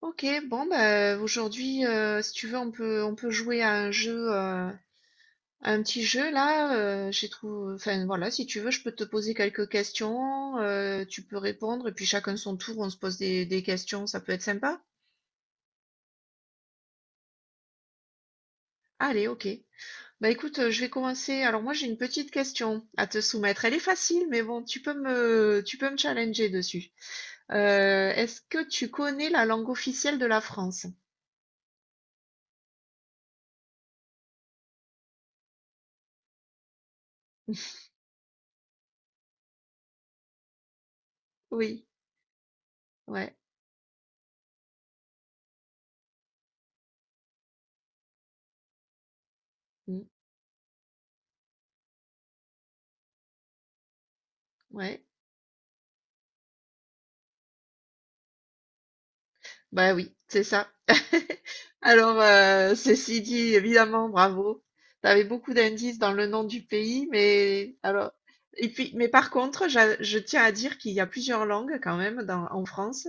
Ok, bon bah aujourd'hui si tu veux on peut jouer à un jeu à un petit jeu là j'ai trouvé enfin voilà si tu veux je peux te poser quelques questions tu peux répondre et puis chacun son tour on se pose des questions, ça peut être sympa. Allez, ok, bah écoute, je vais commencer. Alors moi j'ai une petite question à te soumettre, elle est facile mais bon, tu peux me challenger dessus. Est-ce que tu connais la langue officielle de la France? Oui. Ouais. Mm. Ouais. Bah oui, c'est ça. Alors, ceci dit, évidemment, bravo. T'avais beaucoup d'indices dans le nom du pays, mais alors, et puis, mais par contre, je tiens à dire qu'il y a plusieurs langues quand même dans, en France,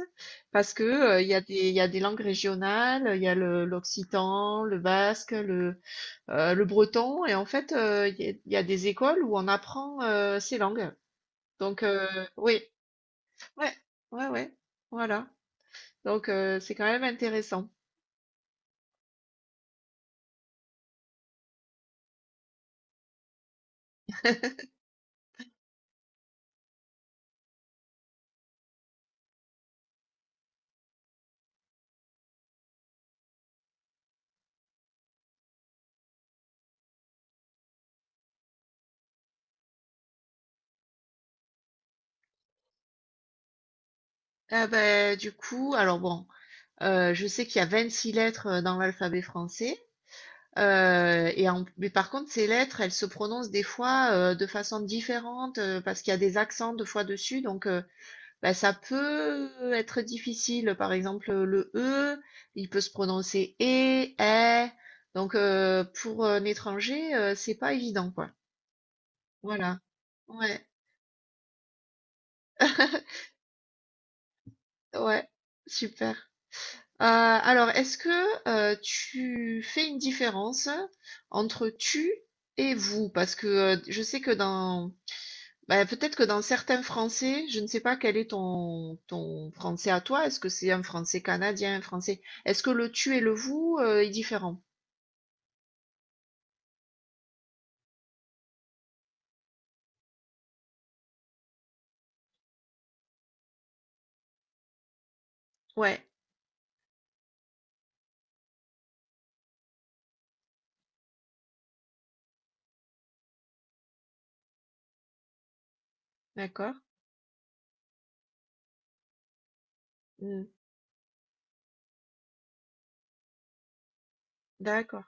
parce que il y a des langues régionales, il y a l'occitan, le basque, le breton, et en fait, il y a des écoles où on apprend ces langues. Donc, oui, ouais, ouais, ouais, voilà. Donc, c'est quand même intéressant. Ah bah, du coup, alors bon, je sais qu'il y a 26 lettres dans l'alphabet français, mais par contre, ces lettres, elles se prononcent des fois de façon différente parce qu'il y a des accents deux fois dessus, donc bah, ça peut être difficile. Par exemple, le E, il peut se prononcer E, E, donc pour un étranger, c'est pas évident, quoi. Voilà. Ouais, ouais, super. Alors, est-ce que tu fais une différence entre tu et vous? Parce que je sais que dans, bah, peut-être que dans certains français, je ne sais pas quel est ton français à toi. Est-ce que c'est un français canadien, un français? Est-ce que le tu et le vous est différent? Ouais, d'accord. Mm, d'accord.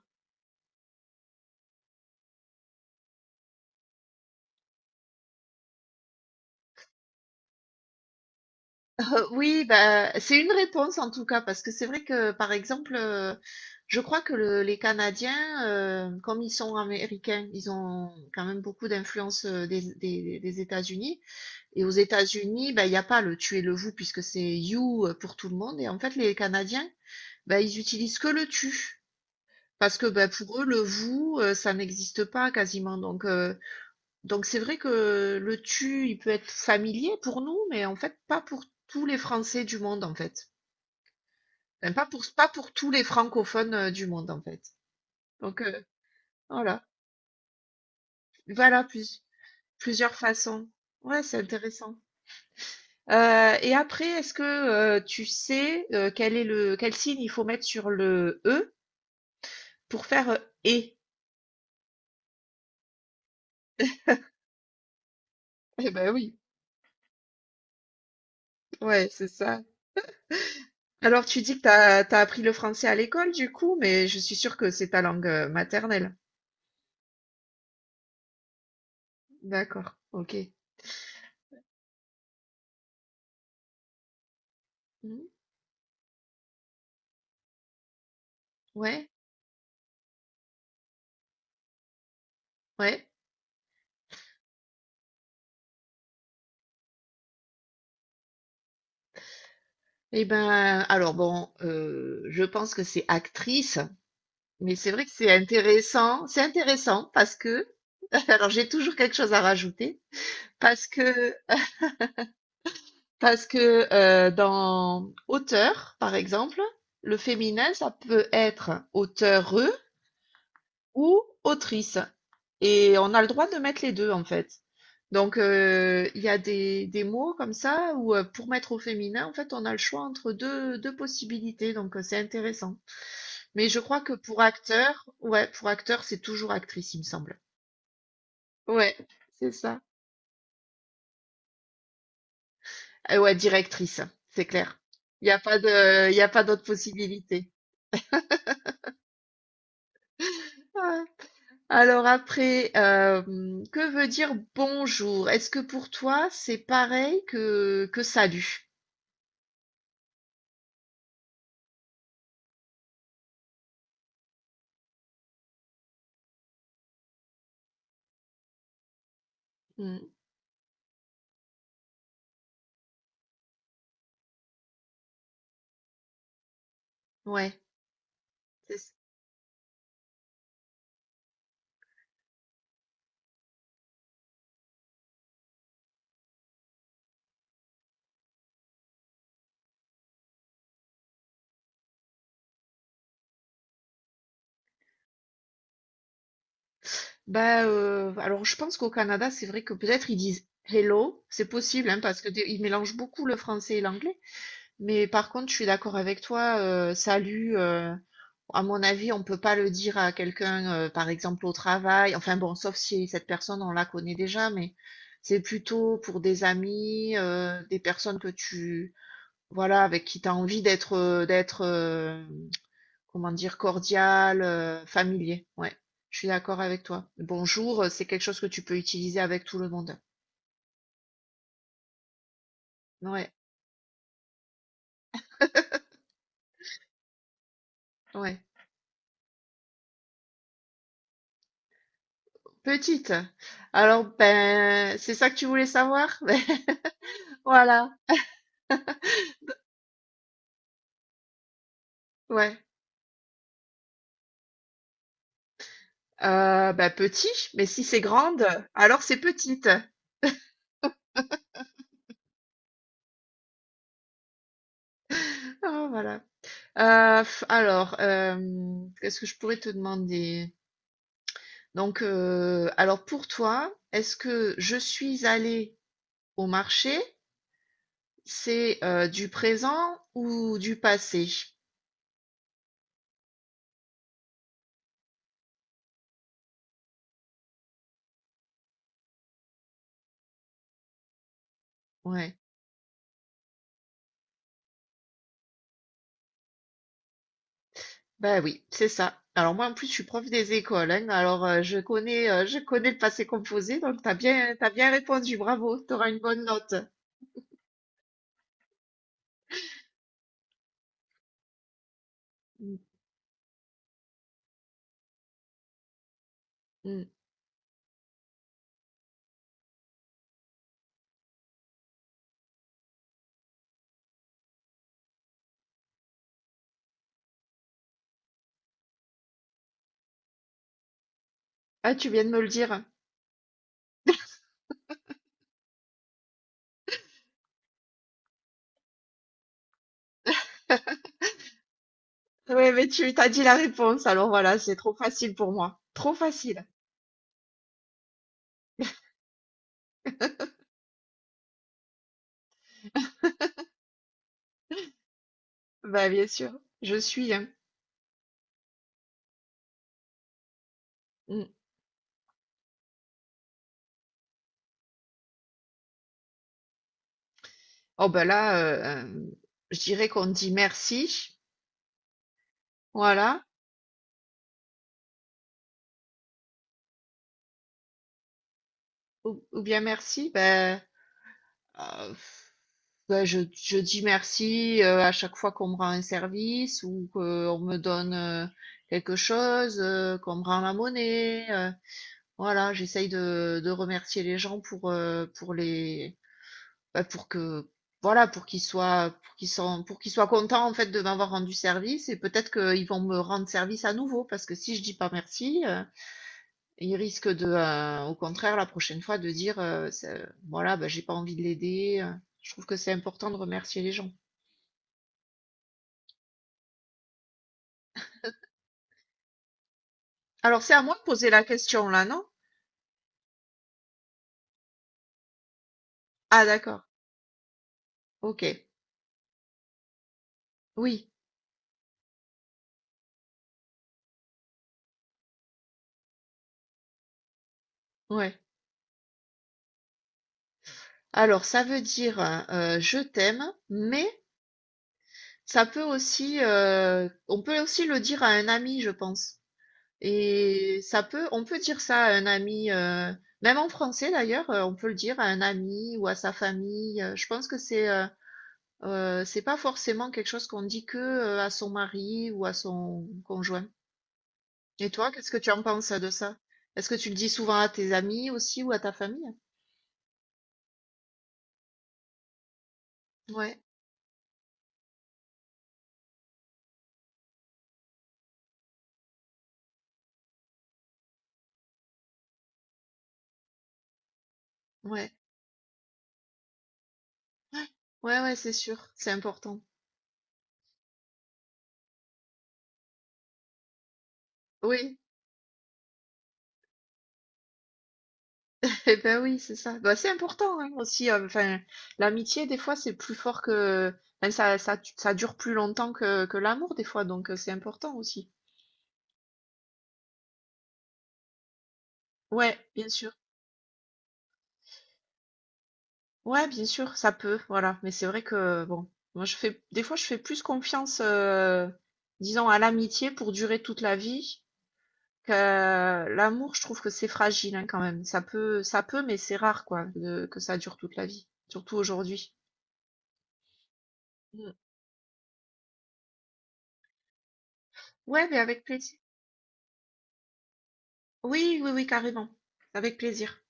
Oui, bah, c'est une réponse en tout cas, parce que c'est vrai que, par exemple, je crois que le les Canadiens, comme ils sont américains, ils ont quand même beaucoup d'influence, des États-Unis, et aux États-Unis, bah, il n'y a pas le tu et le vous puisque c'est you, pour tout le monde. Et en fait les Canadiens, bah, ils utilisent que le tu. Parce que, bah, pour eux, le vous, ça n'existe pas quasiment, donc c'est vrai que le tu, il peut être familier pour nous, mais en fait pas pour tous les Français du monde en fait. Enfin, pas pour tous les francophones du monde en fait. Donc voilà, voilà plusieurs façons. Ouais, c'est intéressant. Et après, est-ce que tu sais, quel est le quel signe il faut mettre sur le e pour faire et? Eh ben oui, ouais, c'est ça. Alors tu dis que t'as appris le français à l'école du coup, mais je suis sûre que c'est ta langue maternelle. D'accord, ok. Mmh. Ouais, ouais. Et ben, alors bon, je pense que c'est actrice, mais c'est vrai que c'est intéressant. C'est intéressant parce que, alors j'ai toujours quelque chose à rajouter, parce que, euh, parce que dans auteur, par exemple, le féminin, ça peut être auteure, ou autrice. Et on a le droit de mettre les deux en fait. Donc il y a des mots comme ça où pour mettre au féminin, en fait, on a le choix entre deux possibilités. Donc c'est intéressant. Mais je crois que pour acteur, ouais, pour acteur, c'est toujours actrice, il me semble. Ouais, c'est ça. Ouais, directrice, c'est clair. Il y a pas d'autre possibilité. Ouais. Alors après, que veut dire bonjour? Est-ce que pour toi, c'est pareil que salut? Mmh. Ouais, c'est ç bah, alors je pense qu'au Canada, c'est vrai que peut-être ils disent hello, c'est possible, hein, parce que des ils mélangent beaucoup le français et l'anglais. Mais par contre, je suis d'accord avec toi, salut, à mon avis, on peut pas le dire à quelqu'un, par exemple au travail. Enfin bon, sauf si cette personne, on la connaît déjà, mais c'est plutôt pour des amis, des personnes que tu voilà, avec qui tu as envie d'être, euh, comment dire? Cordial, familier, ouais. Je suis d'accord avec toi. «Bonjour», c'est quelque chose que tu peux utiliser avec tout le monde. Ouais. Ouais. Petite? Alors, ben, c'est ça que tu voulais savoir? Beh, voilà, ouais. Bah, petit, mais si c'est grande, alors c'est petite. Ah, voilà. Alors, qu'est-ce que je pourrais te demander? Donc, alors pour toi, est-ce que je suis allée au marché, c'est du présent ou du passé? Ouais. Bah, oui, c'est ça. Alors moi, en plus, je suis prof des écoles, hein, alors, je connais le passé composé, donc t'as bien répondu, bravo. T'auras une bonne note. Mmh. Mh. Ah, tu viens de me le dire. Oui, mais tu as dit la réponse, alors voilà, c'est trop facile pour moi. Trop facile. Bah, bien sûr, je suis, hein. Mmh. Oh, bah, là, hem, je dirais qu'on dit merci, voilà, ou bien merci, bah. Euh, ouais, je dis merci à chaque fois qu'on me rend un service ou qu'on me donne quelque chose, qu'on me rend la monnaie. Voilà, j'essaye de remercier les gens pour les, bah, pour que, voilà, pour qu'ils soient contents en fait de m'avoir rendu service, et peut-être qu'ils vont me rendre service à nouveau, parce que si je dis pas merci, ils risquent de, au contraire, la prochaine fois, de dire, ce voilà, bah, j'ai pas envie de l'aider. Je trouve que c'est important de remercier les gens. Alors, c'est à moi de poser la question là, non? Ah, d'accord, OK. Oui, ouais. Alors ça veut dire, «je t'aime», mais ça peut aussi, on peut aussi le dire à un ami, je pense, et ça peut on peut dire ça à un ami, même en français d'ailleurs, on peut le dire à un ami ou à sa famille, je pense que c'est pas forcément quelque chose qu'on dit que, à son mari ou à son conjoint. Et toi, qu'est-ce que tu en penses de ça? Est-ce que tu le dis souvent à tes amis aussi ou à ta famille? Ouais, ouais, ouais. Ouais, ouais, c'est sûr, c'est important. Oui, et ben oui, c'est ça. Bah, c'est important, hein, aussi, enfin, l'amitié des fois c'est plus fort que, enfin, ça dure plus longtemps que l'amour des fois, donc c'est important aussi. Ouais, bien sûr. Ouais, bien sûr, ça peut, voilà. Mais c'est vrai que bon, moi je fais des fois je fais plus confiance, disons, à l'amitié pour durer toute la vie que l'amour. Je trouve que c'est fragile, hein, quand même. Ça peut, mais c'est rare, quoi, que ça dure toute la vie, surtout aujourd'hui. Mm. Ouais, mais avec plaisir. Oui, oui, oui, carrément. Avec plaisir.